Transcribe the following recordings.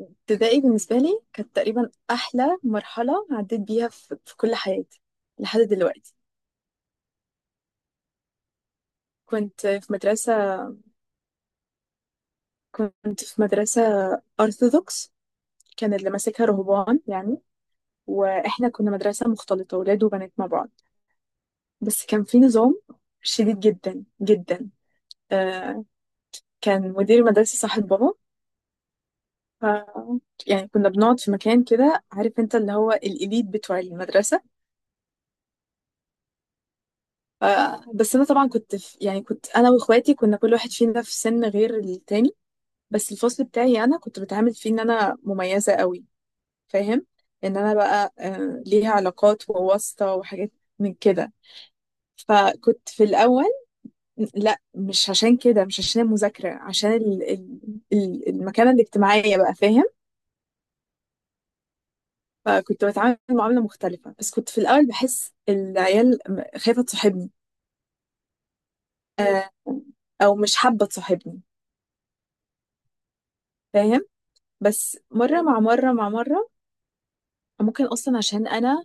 ابتدائي بالنسبة لي كانت تقريبا أحلى مرحلة عديت بيها في كل حياتي. لحد دلوقتي. كنت في مدرسة كنت في مدرسة أرثوذكس. كان اللي ماسكها رهبان يعني. وإحنا كنا مدرسة مختلطة ولاد وبنات مع بعض، بس كان في نظام شديد جدا جدا. آه كان مدير المدرسة صاحب بابا. ف... يعني كنا بنقعد في مكان كده، عارف انت، اللي هو الإليت بتوع المدرسة. ف- بس انا طبعا كنت في يعني كنت انا واخواتي، كنا كل واحد فينا في سن غير التاني، بس الفصل بتاعي انا كنت بتعامل فيه ان انا مميزة قوي، فاهم، ان انا بقى، ليها علاقات وواسطة وحاجات من كده. فكنت في الاول، لا، مش عشان كده، مش عشان المذاكرة، عشان المكانة الاجتماعية بقى، فاهم. فكنت بتعامل معاملة مختلفة، بس كنت في الاول بحس العيال خايفة تصاحبني، آه، او مش حابة تصاحبني، فاهم. بس مرة مع مرة مع مرة. ممكن أصلا عشان أنا،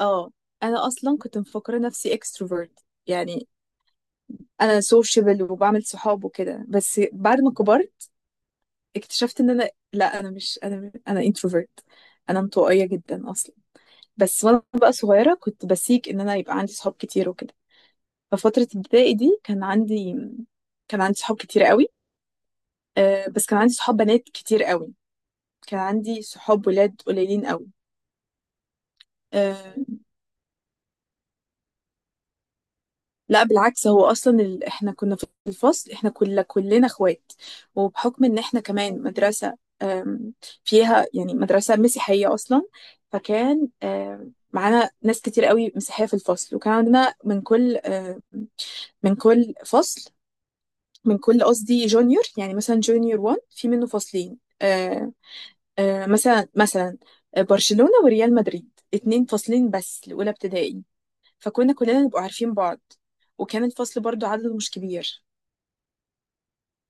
اه أنا أصلا كنت مفكرة نفسي اكستروفرت يعني. أنا سوشيبل وبعمل صحاب وكده، بس بعد ما كبرت اكتشفت إن أنا لا، أنا مش، أنا انتروفرت، أنا انطوائية جدا أصلا. بس وأنا بقى صغيرة كنت بسيك إن أنا يبقى عندي صحاب كتير وكده. ففترة ابتدائي دي كان عندي، كان عندي صحاب كتير قوي. بس كان عندي صحاب بنات كتير قوي، كان عندي صحاب ولاد قليلين قوي. آه، لا بالعكس. هو اصلا احنا كنا في الفصل، احنا كلنا اخوات، وبحكم ان احنا كمان مدرسة آم، فيها يعني، مدرسة مسيحية اصلا، فكان معانا ناس كتير قوي مسيحية في الفصل، وكان عندنا من كل من كل فصل، من كل قصدي جونيور، يعني مثلا جونيور 1 في منه فصلين. مثلا، برشلونة وريال مدريد، اتنين فاصلين بس لأولى ابتدائي، فكنا كلنا نبقى عارفين بعض، وكان الفصل برضو عدده مش كبير.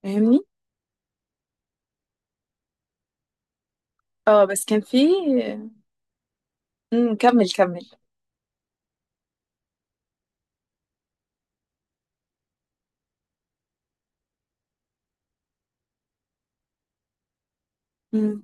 فاهمني. اه، بس كان في، كمل كمل. مم.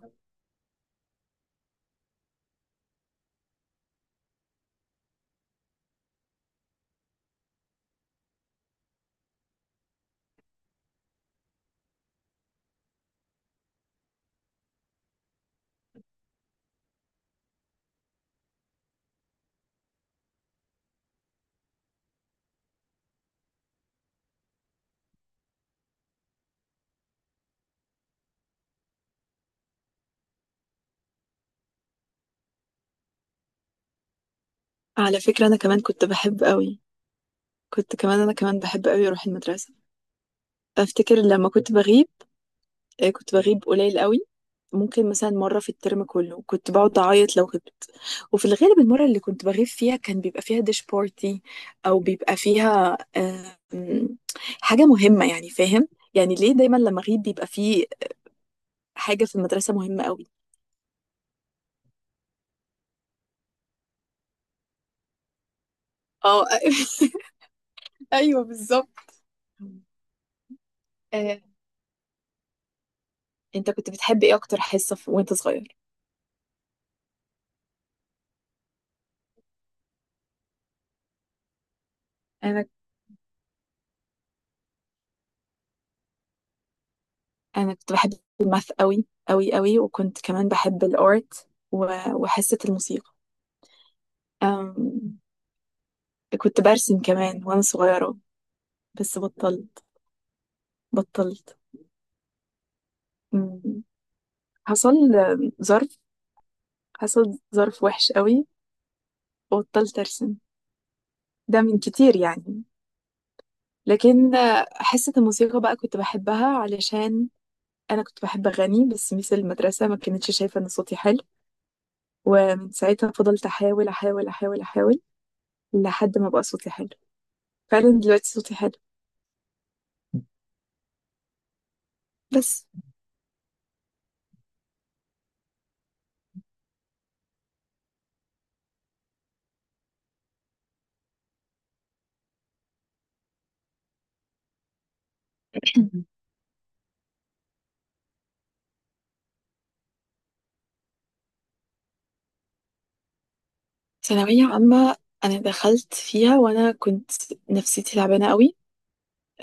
على فكرة أنا كمان كنت بحب قوي، كنت كمان أنا كمان بحب قوي أروح المدرسة. أفتكر لما كنت بغيب، كنت بغيب قليل قوي. ممكن مثلا مرة في الترم كله، كنت بقعد أعيط لو غبت. وفي الغالب المرة اللي كنت بغيب فيها كان بيبقى فيها ديش بارتي، أو بيبقى فيها حاجة مهمة، يعني فاهم، يعني ليه دايما لما أغيب بيبقى فيه حاجة في المدرسة مهمة قوي. اه. ايوه، بالظبط. آه، انت كنت بتحب ايه اكتر حصة وانت صغير؟ انا انا كنت بحب الماث قوي قوي قوي، وكنت كمان بحب الارت و- وحصة الموسيقى. أم... كنت برسم كمان وانا صغيرة، بس بطلت. أم، حصل أم، ظرف حصل ظرف وحش قوي وبطلت ارسم، ده من كتير يعني. لكن حصة الموسيقى بقى كنت بحبها، علشان انا كنت بحب اغني، بس ميس المدرسه ما كانتش شايفه ان صوتي حلو. ومن ساعتها فضلت احاول احاول احاول احاول لحد ما بقى صوتي حلو. فعلا دلوقتي صوتي حلو. بس ثانوية عامة. أنا دخلت فيها وأنا كنت نفسيتي تعبانة قوي،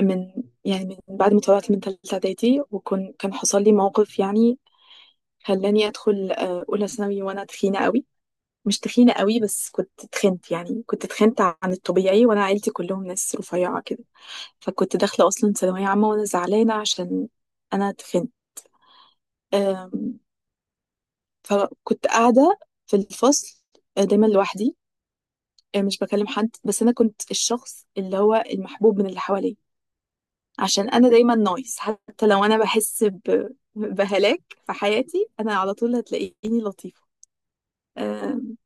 من، يعني من بعد ما طلعت من تالتة إعدادي، وكان حصل لي موقف يعني خلاني أدخل أولى ثانوي وأنا تخينة قوي. مش تخينة قوي، بس كنت تخنت، يعني كنت تخنت عن الطبيعي، وأنا عيلتي كلهم ناس رفيعة كده. فكنت داخلة أصلا ثانوية عامة وأنا زعلانة عشان أنا اتخنت. أم، فكنت قاعدة في الفصل، دايما لوحدي، مش بكلم حد، بس أنا كنت الشخص اللي هو المحبوب من اللي حواليا، عشان أنا دايما نايس، حتى لو أنا بحس بهلاك في حياتي، أنا على طول هتلاقيني لطيفة. أم،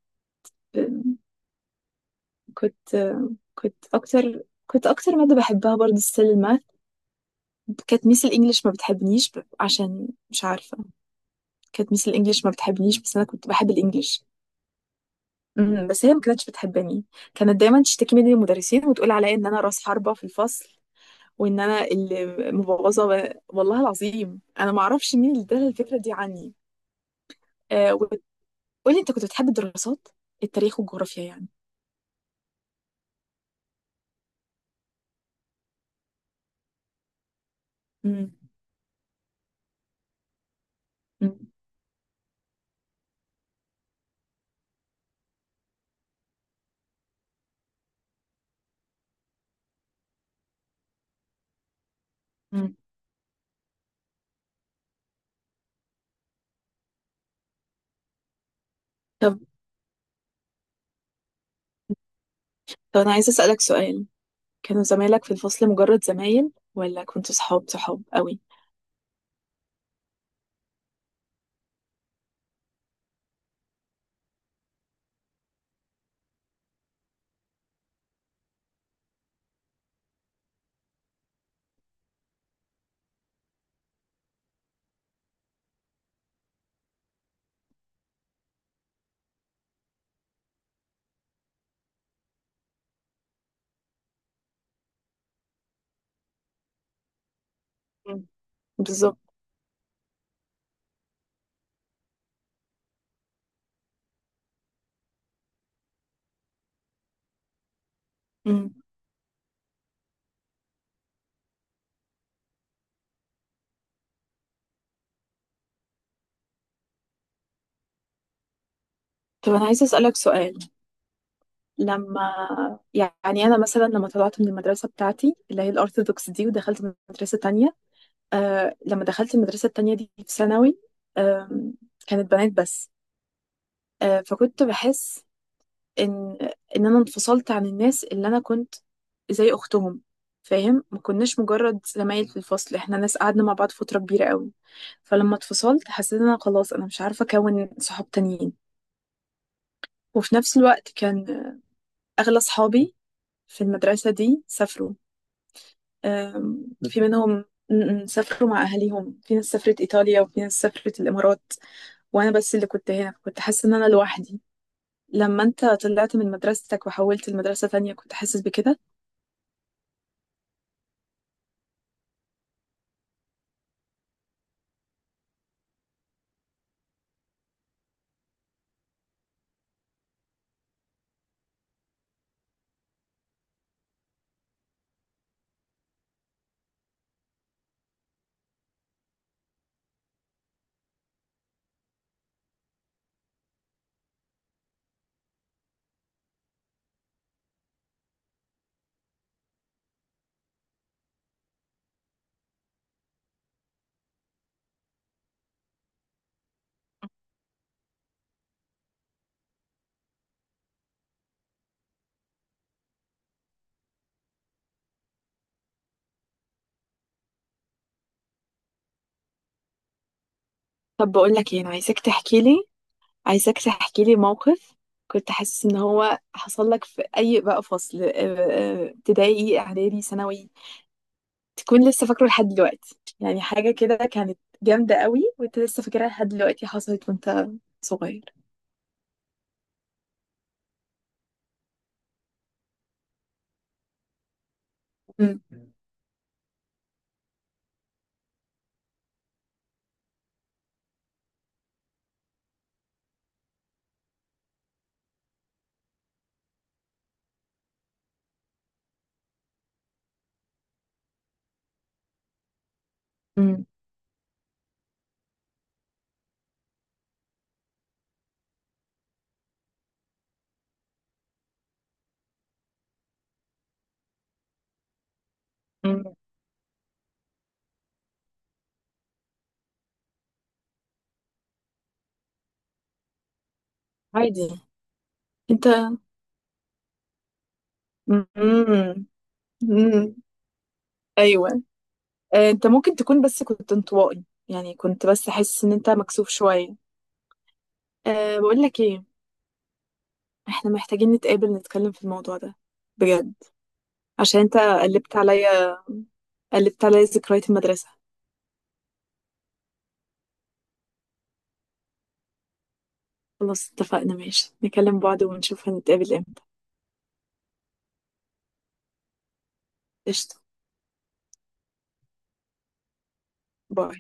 أم، كنت أم، كنت أكتر مادة بحبها برضه السيل الماث. كانت ميس الإنجليش ما بتحبنيش عشان مش عارفة، كانت ميس الانجليش ما بتحبنيش، بس انا كنت بحب الانجليش. امم، بس هي ما كانتش بتحبني. كانت دايما تشتكي مني للمدرسين، وتقول عليا ان انا راس حربة في الفصل، وان انا اللي مبوظة. و- والله العظيم انا ما اعرفش مين اللي ادالها الفكرة دي عني. آه وتقولي انت كنت بتحب الدراسات؟ التاريخ والجغرافيا يعني؟ امم. امم. امم. طب طب، انا عايزة اسألك سؤال. كانوا زمايلك في الفصل مجرد زمايل، ولا كنتوا صحاب صحاب قوي؟ امم. بالظبط. امم. طب انا عايزة اسألك سؤال. لما، انا مثلا لما طلعت من المدرسه بتاعتي اللي هي الارثوذكس دي، ودخلت مدرسه تانية، لما دخلت المدرسه التانية دي في ثانوي، آم، كانت بنات بس. فكنت بحس ان ان انا انفصلت عن الناس اللي انا كنت زي اختهم، فاهم، ما كناش مجرد زمايل في الفصل، احنا ناس قعدنا مع بعض فتره كبيره قوي. فلما اتفصلت حسيت ان انا خلاص انا مش عارفه اكون صحاب تانيين. وفي نفس الوقت كان اغلى صحابي في المدرسه دي سافروا. في منهم، م- م، سافروا مع أهاليهم، في ناس سافرت إيطاليا وفي ناس سافرت الإمارات، وأنا بس اللي كنت هنا، كنت حاسة إن أنا لوحدي. لما أنت طلعت من مدرستك وحولت لمدرسة تانية كنت حاسس بكده؟ طب بقول لك إيه، أنا عايزاك تحكي لي، عايزاك تحكي لي موقف كنت حاسس إن هو حصل لك في أي بقى فصل، ابتدائي، إعدادي، ثانوي، تكون لسه فاكره لحد دلوقتي، يعني حاجة كده كانت جامدة قوي وأنت لسه فاكرها لحد دلوقتي، حصلت وأنت صغير. م- م- م. عادي. انت. امم. امم. ايوه. انت ممكن تكون، بس كنت انطوائي، يعني كنت بس حاسس ان انت مكسوف شويه. أه، بقول لك ايه، احنا محتاجين نتقابل نتكلم في الموضوع ده بجد، عشان انت قلبت عليا، قلبت عليا ذكريات المدرسه. خلاص اتفقنا، ماشي، نكلم بعض ونشوف هنتقابل امتى. قشطه. باي.